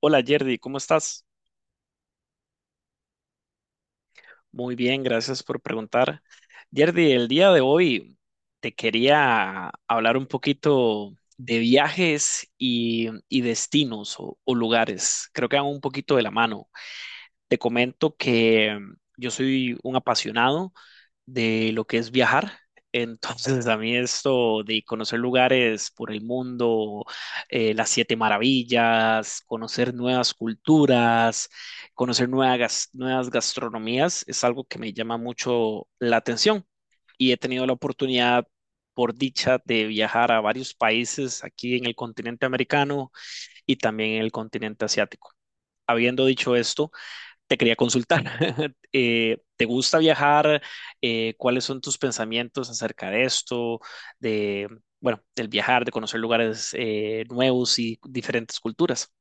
Hola Yerdy, ¿cómo estás? Muy bien, gracias por preguntar. Yerdy, el día de hoy te quería hablar un poquito de viajes y destinos o lugares. Creo que van un poquito de la mano. Te comento que yo soy un apasionado de lo que es viajar. Entonces, a mí esto de conocer lugares por el mundo, las siete maravillas, conocer nuevas culturas, conocer nuevas gastronomías, es algo que me llama mucho la atención. Y he tenido la oportunidad, por dicha, de viajar a varios países aquí en el continente americano y también en el continente asiático. Habiendo dicho esto, te quería consultar, ¿te gusta viajar? ¿Cuáles son tus pensamientos acerca de esto? De, bueno, del viajar, de conocer lugares nuevos y diferentes culturas.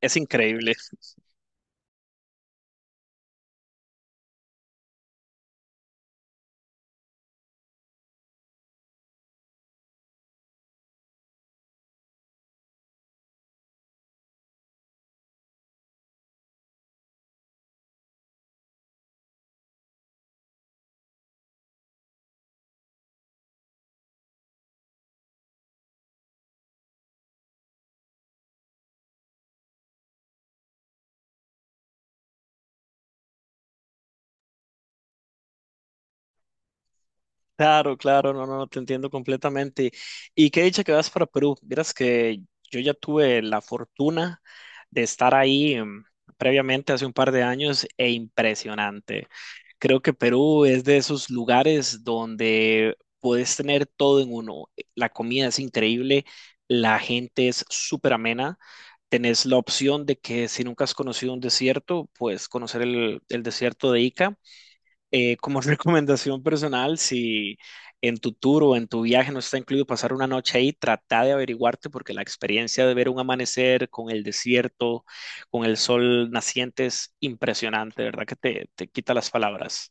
Es increíble. Claro, claro, no, no, no, te entiendo completamente. Y qué dicha que vas para Perú. Vieras que yo ya tuve la fortuna de estar ahí previamente hace un par de años e impresionante. Creo que Perú es de esos lugares donde puedes tener todo en uno. La comida es increíble, la gente es súper amena. Tenés la opción de que si nunca has conocido un desierto, pues conocer el desierto de Ica. Como recomendación personal, si en tu tour o en tu viaje no está incluido pasar una noche ahí, trata de averiguarte porque la experiencia de ver un amanecer con el desierto, con el sol naciente es impresionante, de ¿verdad? Que te quita las palabras.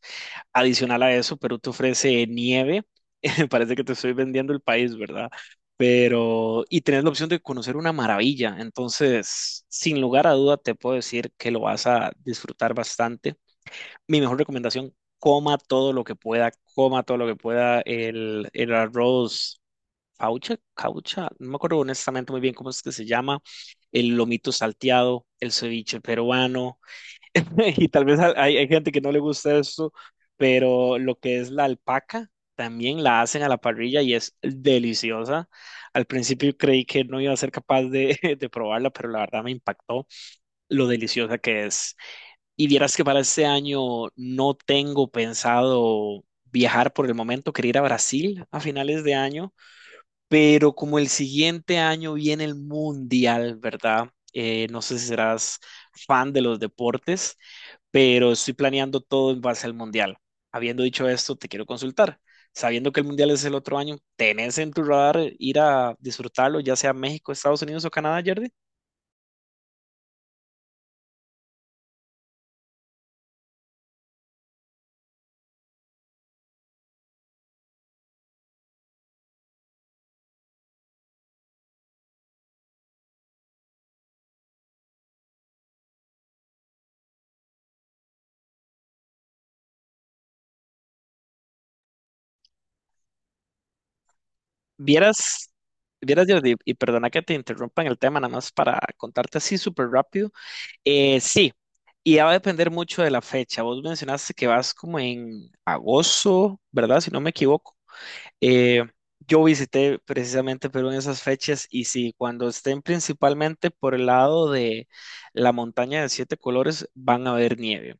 Adicional a eso, Perú te ofrece nieve. Parece que te estoy vendiendo el país, ¿verdad? Pero, y tenés la opción de conocer una maravilla. Entonces, sin lugar a duda, te puedo decir que lo vas a disfrutar bastante. Mi mejor recomendación, coma todo lo que pueda, coma todo lo que pueda. El arroz caucha, caucha, no me acuerdo honestamente muy bien cómo es que se llama. El lomito salteado, el ceviche peruano. Y tal vez hay gente que no le gusta esto, pero lo que es la alpaca también la hacen a la parrilla y es deliciosa. Al principio creí que no iba a ser capaz de, de probarla, pero la verdad me impactó lo deliciosa que es. Y vieras que para este año no tengo pensado viajar por el momento, quería ir a Brasil a finales de año, pero como el siguiente año viene el Mundial, ¿verdad? No sé si serás fan de los deportes pero estoy planeando todo en base al mundial. Habiendo dicho esto, te quiero consultar. Sabiendo que el mundial es el otro año, ¿tenés en tu radar ir a disfrutarlo, ya sea México, Estados Unidos o Canadá, Jordi? Vieras, vieras, Jordi, y perdona que te interrumpa en el tema, nada más para contarte así súper rápido. Sí, y ya va a depender mucho de la fecha. Vos mencionaste que vas como en agosto, ¿verdad? Si no me equivoco. Eh, yo visité precisamente Perú en esas fechas y sí, cuando estén principalmente por el lado de la montaña de siete colores van a ver nieve.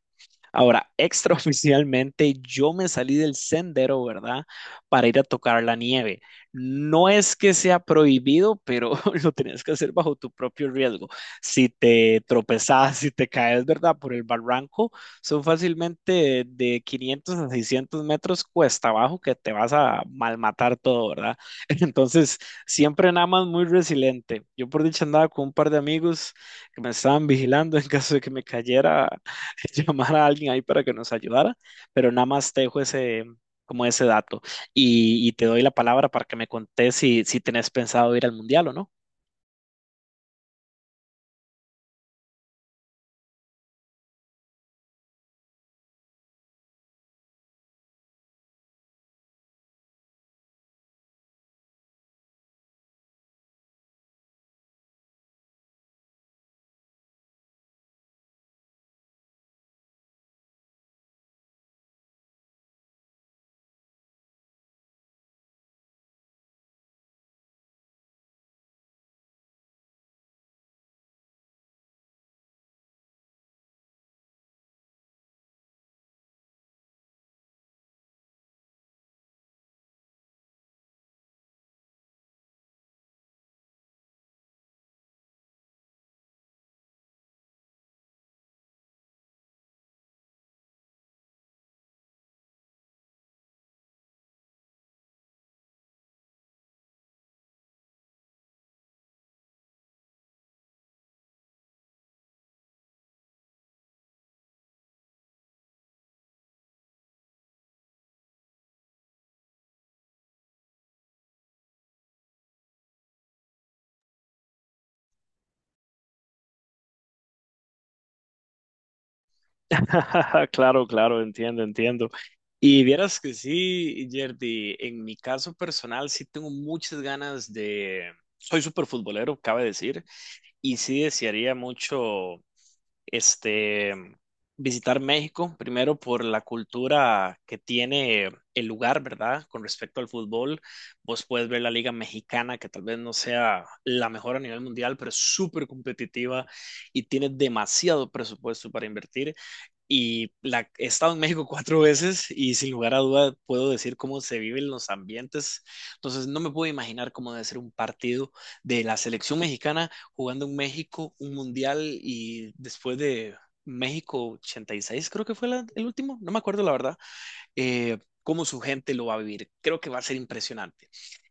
Ahora, extraoficialmente yo me salí del sendero, ¿verdad? Para ir a tocar la nieve. No es que sea prohibido, pero lo tienes que hacer bajo tu propio riesgo. Si te tropezas, si te caes, ¿verdad? Por el barranco, son fácilmente de 500 a 600 metros cuesta abajo que te vas a malmatar todo, ¿verdad? Entonces, siempre nada más muy resiliente. Yo por dicha andaba con un par de amigos que me estaban vigilando en caso de que me cayera llamar a alguien ahí para que nos ayudara, pero nada más te dejo ese, como ese dato y te doy la palabra para que me contés si tenés pensado ir al mundial o no. Claro, claro, entiendo, entiendo. Y vieras que sí, Jerdy, en mi caso personal sí tengo muchas ganas de... Soy súper futbolero, cabe decir, y sí desearía mucho este, visitar México, primero por la cultura que tiene el lugar, ¿verdad? Con respecto al fútbol, vos puedes ver la Liga Mexicana, que tal vez no sea la mejor a nivel mundial, pero es súper competitiva y tiene demasiado presupuesto para invertir. He estado en México cuatro veces y sin lugar a duda puedo decir cómo se viven los ambientes. Entonces no me puedo imaginar cómo debe ser un partido de la selección mexicana jugando en México, un mundial y después de México 86 creo que fue el último, no me acuerdo la verdad, eh, cómo su gente lo va a vivir. Creo que va a ser impresionante.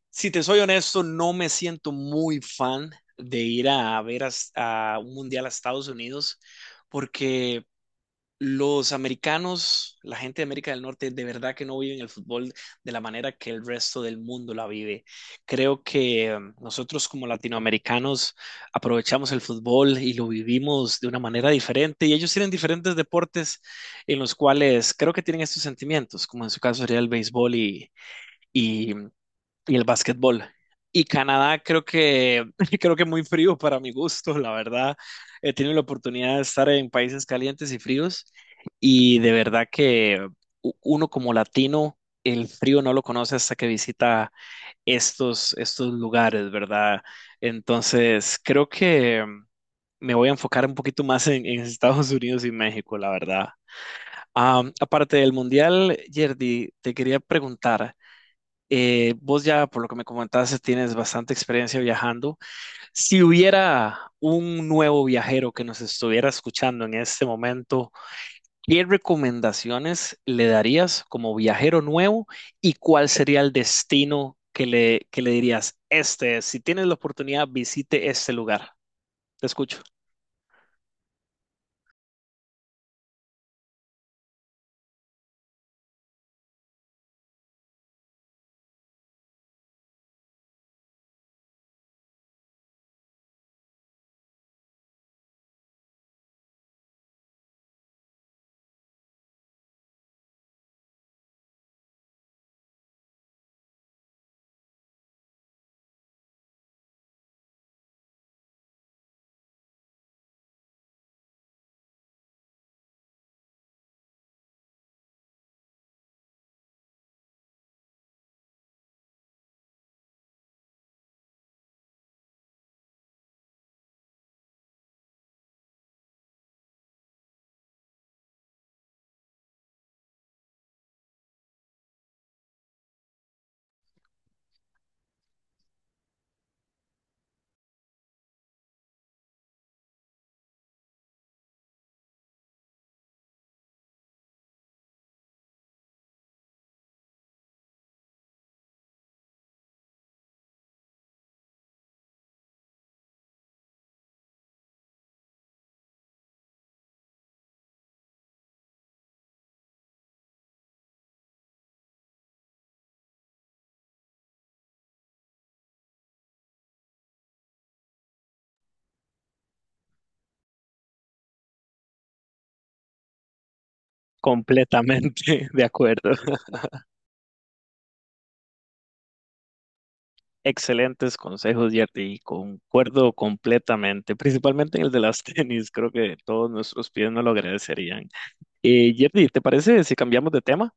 Si te soy honesto, no me siento muy fan de ir a ver a un mundial a Estados Unidos porque los americanos, la gente de América del Norte, de verdad que no viven el fútbol de la manera que el resto del mundo la vive. Creo que nosotros como latinoamericanos aprovechamos el fútbol y lo vivimos de una manera diferente y ellos tienen diferentes deportes en los cuales creo que tienen estos sentimientos, como en su caso sería el béisbol y y el básquetbol. Y Canadá creo que creo que muy frío para mi gusto, la verdad. He tenido la oportunidad de estar en países calientes y fríos y de verdad que uno como latino el frío no lo conoce hasta que visita estos lugares, ¿verdad? Entonces, creo que me voy a enfocar un poquito más en Estados Unidos y México, la verdad. Ah, aparte del mundial, Yerdy, te quería preguntar vos ya, por lo que me comentaste, tienes bastante experiencia viajando. Si hubiera un nuevo viajero que nos estuviera escuchando en este momento, ¿qué recomendaciones le darías como viajero nuevo y cuál sería el destino que que le dirías? Este, es, si tienes la oportunidad, visite este lugar. Te escucho. Completamente de acuerdo. Excelentes consejos, Yerty, y concuerdo completamente, principalmente en el de las tenis, creo que todos nuestros pies nos lo agradecerían. Yerty, ¿te parece si cambiamos de tema?